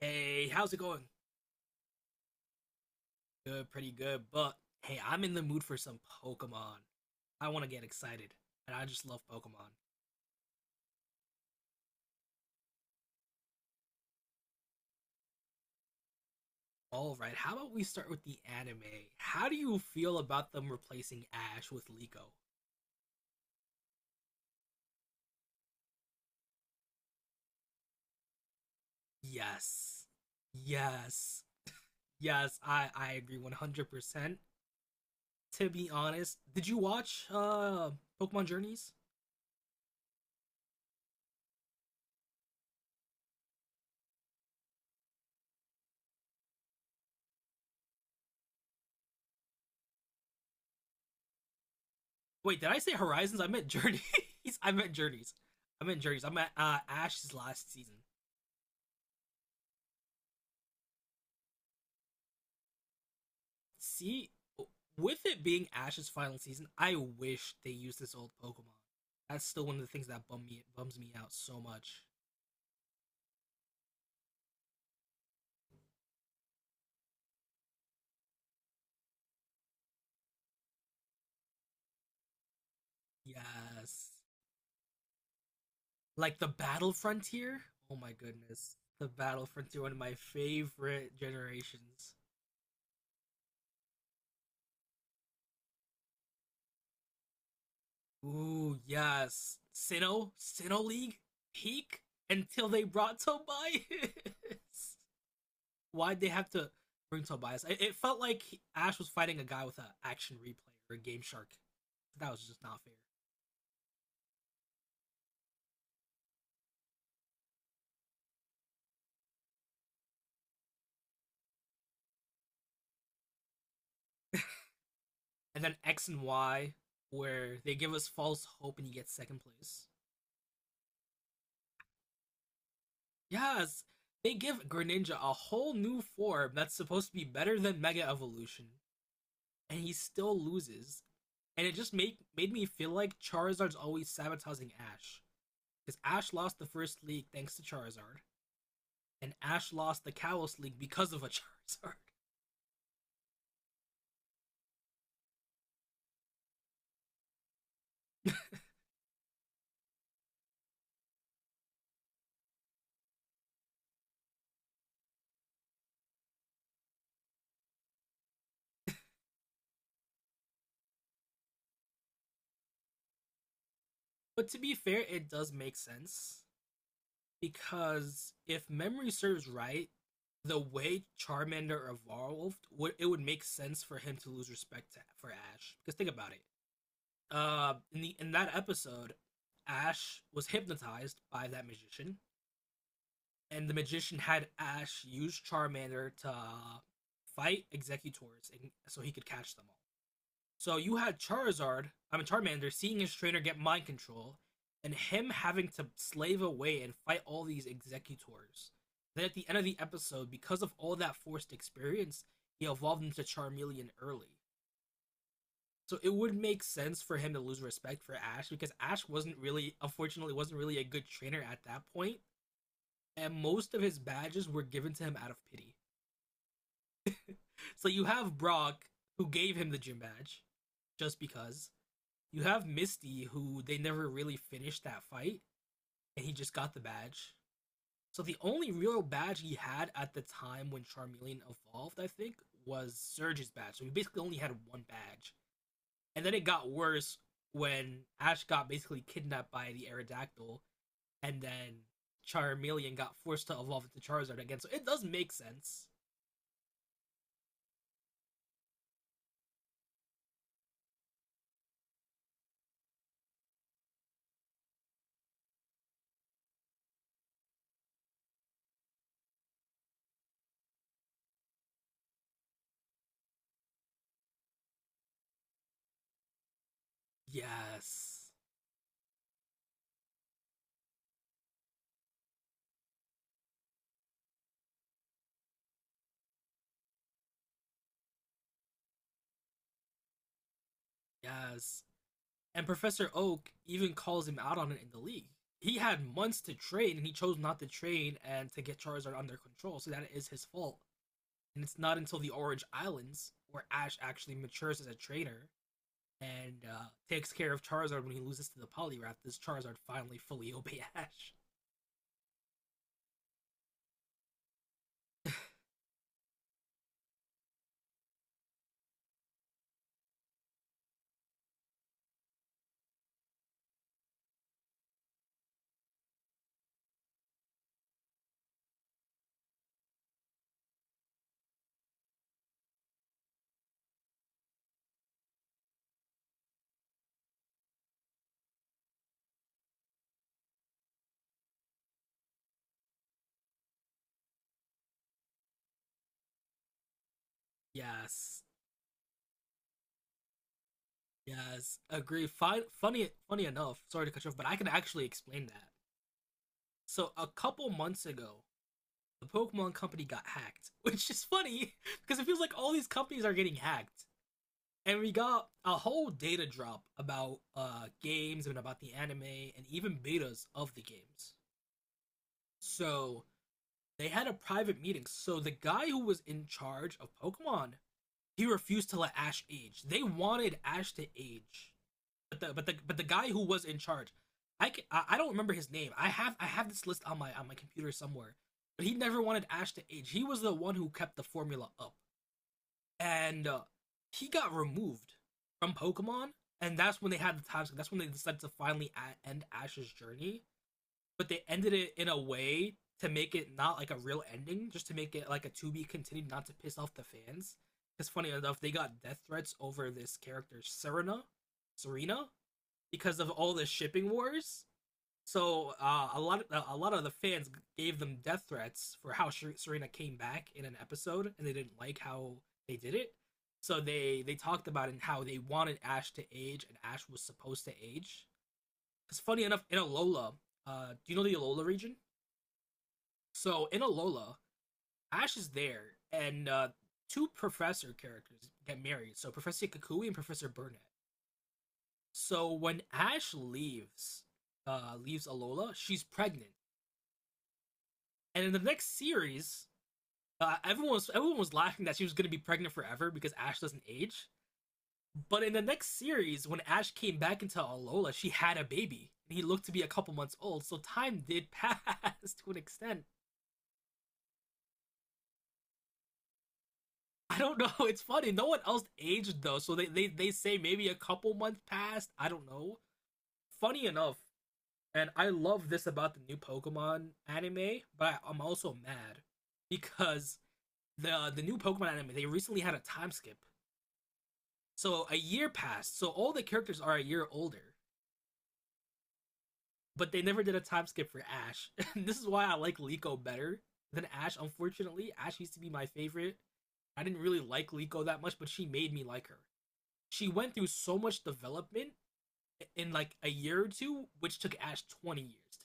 Hey, how's it going? Good, pretty good. But hey, I'm in the mood for some Pokemon. I want to get excited, and I just love Pokemon. All right, how about we start with the anime? How do you feel about them replacing Ash with Liko? Yes, yes, yes. I agree 100. percent. To be honest, did you watch Pokemon Journeys? Wait, did I say Horizons? I meant Journeys. I meant Journeys. I meant Journeys. I meant Ash's last season. See, with it being Ash's final season, I wish they used this old Pokemon. That's still one of the things that bums me out so much. Yes, like the Battle Frontier. Oh my goodness, the Battle Frontier, one of my favorite generations. Ooh, yes, Sinnoh, Sinnoh League, peak, until they brought Tobias. Why'd they have to bring Tobias? It felt like Ash was fighting a guy with an action replay or a Game Shark. That was just not fair. And then X and Y, where they give us false hope and he gets second place. Yes, they give Greninja a whole new form that's supposed to be better than Mega Evolution, and he still loses. And it just made me feel like Charizard's always sabotaging Ash. Because Ash lost the first league thanks to Charizard, and Ash lost the Kalos League because of a Charizard. But to be fair, it does make sense because if memory serves right, the way Charmander evolved, it would make sense for him to lose respect to, for Ash. Because think about it. In the in that episode, Ash was hypnotized by that magician, and the magician had Ash use Charmander to fight Executors, and, so he could catch them all. So you had Charizard, I mean Charmander, seeing his trainer get mind control, and him having to slave away and fight all these executors. Then at the end of the episode, because of all that forced experience, he evolved into Charmeleon early. So it would make sense for him to lose respect for Ash because Ash wasn't really, unfortunately, wasn't really a good trainer at that point, and most of his badges were given to him out of pity. So you have Brock, who gave him the gym badge, just because. You have Misty, who they never really finished that fight, and he just got the badge. So the only real badge he had at the time when Charmeleon evolved, I think, was Surge's badge. So he basically only had one badge. And then it got worse when Ash got basically kidnapped by the Aerodactyl, and then Charmeleon got forced to evolve into Charizard again. So it does make sense. Yes. Yes. And Professor Oak even calls him out on it in the league. He had months to train and he chose not to train and to get Charizard under control, so that is his fault. And it's not until the Orange Islands where Ash actually matures as a trainer and takes care of Charizard when he loses to the Poliwrath does Charizard finally fully obey Ash. Yes, yes, agree. Funny enough. Sorry to cut you off, but I can actually explain that. So a couple months ago, the Pokemon company got hacked, which is funny because it feels like all these companies are getting hacked. And we got a whole data drop about games and about the anime and even betas of the games. So they had a private meeting. So the guy who was in charge of Pokemon, he refused to let Ash age. They wanted Ash to age, but the guy who was in charge, I don't remember his name. I have this list on my computer somewhere, but he never wanted Ash to age. He was the one who kept the formula up, and he got removed from Pokemon, and that's when they had the time. That's when they decided to finally end Ash's journey, but they ended it in a way to make it not like a real ending, just to make it like a to be continued, not to piss off the fans. Because funny enough, they got death threats over this character Serena, Serena, because of all the shipping wars. So a lot of the fans gave them death threats for how Serena came back in an episode, and they didn't like how they did it. So they talked about it and how they wanted Ash to age, and Ash was supposed to age. It's funny enough in Alola. Do you know the Alola region? So in Alola, Ash is there, and two professor characters get married. So Professor Kakui and Professor Burnett. So when Ash leaves, leaves Alola, she's pregnant, and in the next series, everyone was laughing that she was gonna be pregnant forever because Ash doesn't age. But in the next series, when Ash came back into Alola, she had a baby, and he looked to be a couple months old. So time did pass to an extent. I don't know. It's funny. No one else aged though, so they say maybe a couple months passed. I don't know. Funny enough, and I love this about the new Pokemon anime, but I'm also mad because the new Pokemon anime they recently had a time skip, so a year passed. So all the characters are a year older, but they never did a time skip for Ash. And this is why I like Liko better than Ash. Unfortunately, Ash used to be my favorite. I didn't really like Liko that much, but she made me like her. She went through so much development in like a year or two, which took Ash 20 years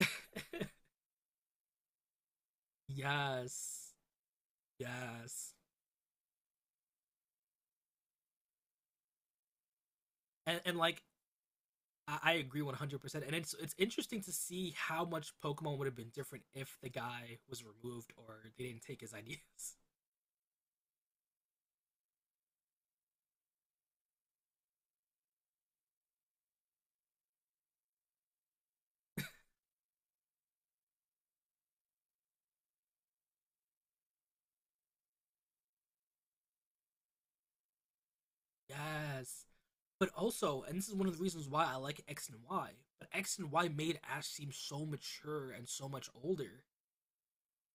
to do. Yes. Yes, and like I agree 100%. And it's interesting to see how much Pokemon would have been different if the guy was removed or they didn't take his ideas. Yes, but also, and this is one of the reasons why I like X and Y. But X and Y made Ash seem so mature and so much older.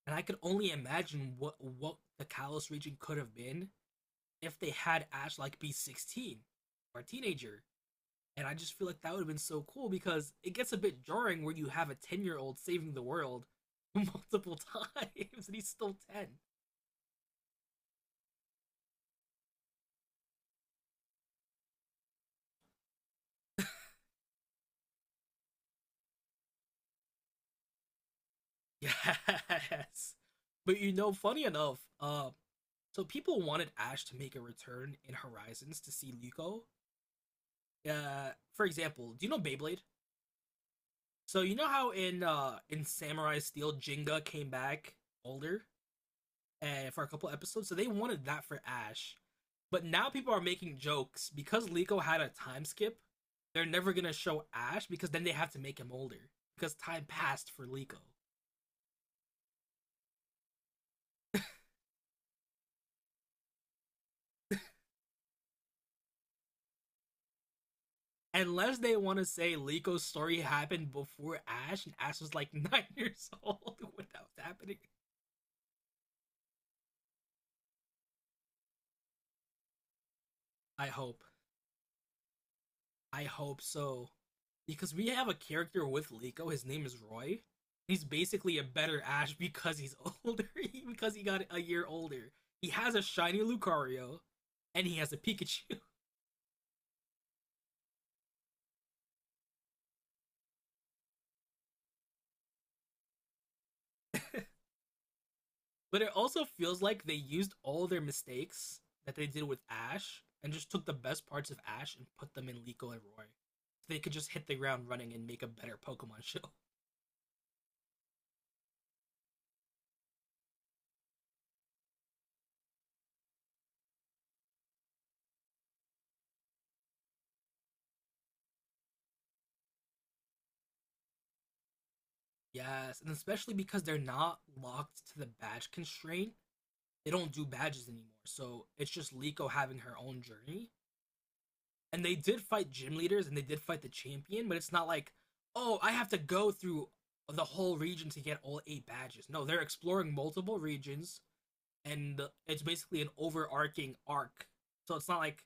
And I could only imagine what the Kalos region could have been if they had Ash like be 16 or a teenager. And I just feel like that would have been so cool because it gets a bit jarring where you have a 10-year-old saving the world multiple times and he's still 10. Yes. But you know, funny enough, so people wanted Ash to make a return in Horizons to see Liko. For example, do you know Beyblade? So you know how in Samurai Steel Jinga came back older? For a couple episodes, so they wanted that for Ash. But now people are making jokes because Liko had a time skip. They're never gonna show Ash because then they have to make him older because time passed for Liko. Unless they want to say Liko's story happened before Ash and Ash was like 9 years old when that was happening. I hope. I hope so. Because we have a character with Liko, his name is Roy. He's basically a better Ash because he's older, because he got a year older. He has a shiny Lucario, and he has a Pikachu. But it also feels like they used all their mistakes that they did with Ash and just took the best parts of Ash and put them in Liko and Roy. So they could just hit the ground running and make a better Pokemon show. Yes, and especially because they're not locked to the badge constraint, they don't do badges anymore. So it's just Liko having her own journey. And they did fight gym leaders and they did fight the champion, but it's not like, oh, I have to go through the whole region to get all 8 badges. No, they're exploring multiple regions and it's basically an overarching arc. So it's not like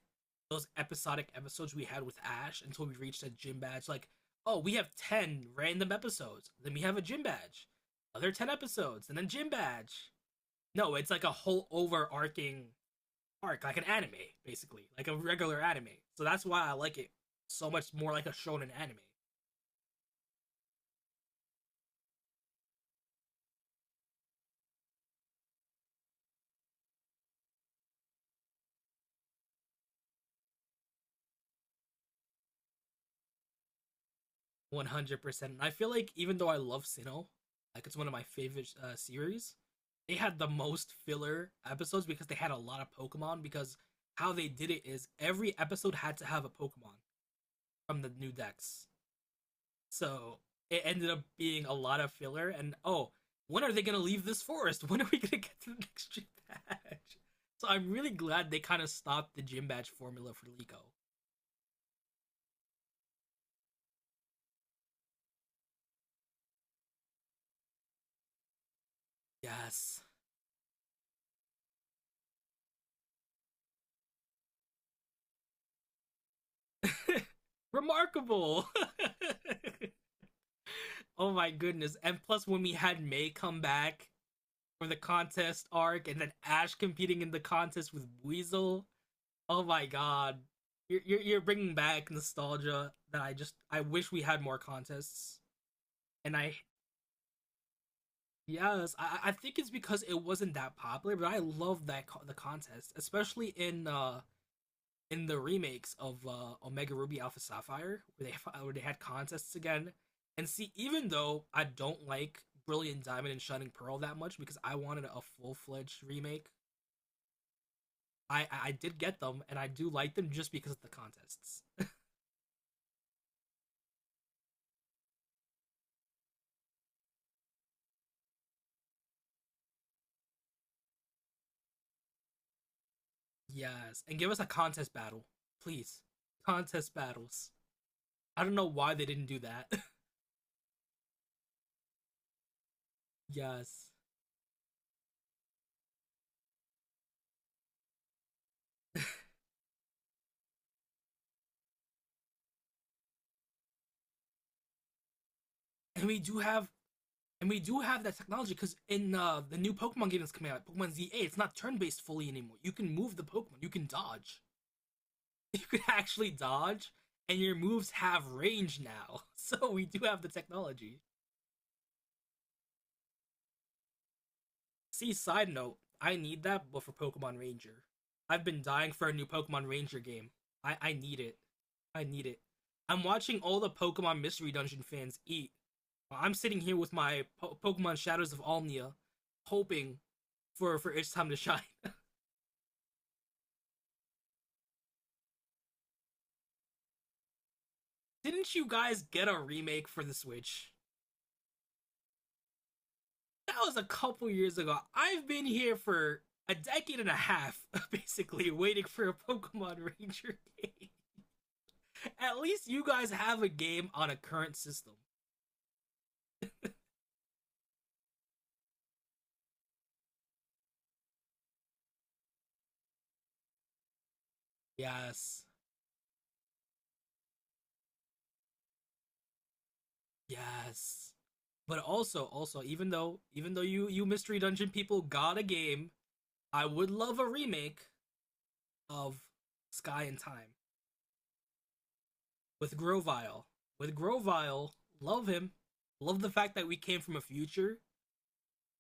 those episodic episodes we had with Ash until we reached that gym badge. Like, oh, we have 10 random episodes, then we have a gym badge, other 10 episodes, and then gym badge. No, it's like a whole overarching arc, like an anime, basically, like a regular anime. So that's why I like it so much more, like a shonen anime, 100%. And I feel like even though I love Sinnoh, like it's one of my favorite series, they had the most filler episodes because they had a lot of Pokemon. Because how they did it is every episode had to have a Pokemon from the new decks. So it ended up being a lot of filler. And oh, when are they going to leave this forest? When are we going to get to the next gym badge? So I'm really glad they kind of stopped the gym badge formula for Liko. Yes. Remarkable. Oh my goodness. And plus, when we had May come back for the contest arc and then Ash competing in the contest with Weasel. Oh my god. You're bringing back nostalgia that I wish we had more contests. And I Yes, I think it's because it wasn't that popular, but I love that the contest, especially in the remakes of Omega Ruby Alpha Sapphire, where they where they had contests again. And see, even though I don't like Brilliant Diamond and Shining Pearl that much because I wanted a full fledged remake, I I did get them and I do like them just because of the contests. Yes, and give us a contest battle, please. Contest battles. I don't know why they didn't do that. Yes. And we do have And we do have that technology because in the new Pokemon game that's coming out, Pokemon ZA, it's not turn-based fully anymore. You can move the Pokemon. You can dodge. You can actually dodge, and your moves have range now. So we do have the technology. See, side note, I need that, but for Pokemon Ranger, I've been dying for a new Pokemon Ranger game. I need it. I need it. I'm watching all the Pokemon Mystery Dungeon fans eat. Well, I'm sitting here with my Pokemon Shadows of Almia, hoping for its time to shine. Didn't you guys get a remake for the Switch? That was a couple years ago. I've been here for a decade and a half, basically, waiting for a Pokemon Ranger game. At least you guys have a game on a current system. Yes. Yes. But also, also, even though you mystery dungeon people got a game, I would love a remake of Sky and Time with Grovyle. With Grovyle, love him. Love the fact that we came from a future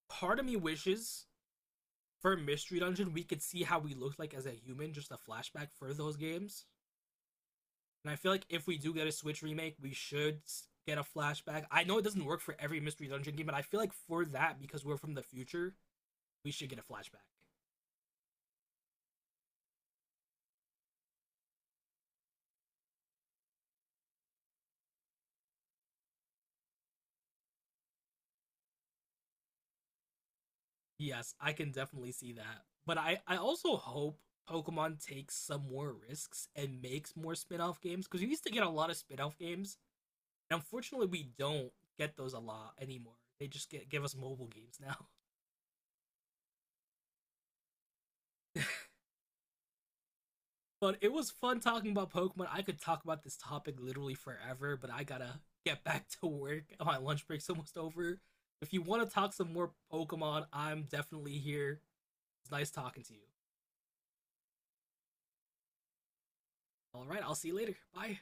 part of me wishes for Mystery Dungeon we could see how we looked like as a human, just a flashback for those games. And I feel like if we do get a Switch remake, we should get a flashback. I know it doesn't work for every Mystery Dungeon game, but I feel like for that, because we're from the future, we should get a flashback. Yes, I can definitely see that. But I also hope Pokemon takes some more risks and makes more spin off games, because we used to get a lot of spin off games. And unfortunately, we don't get those a lot anymore. They just get give us mobile games now. But it was fun talking about Pokemon. I could talk about this topic literally forever, but I gotta get back to work. My lunch break's almost over. If you want to talk some more Pokemon, I'm definitely here. It's nice talking to you. All right, I'll see you later. Bye.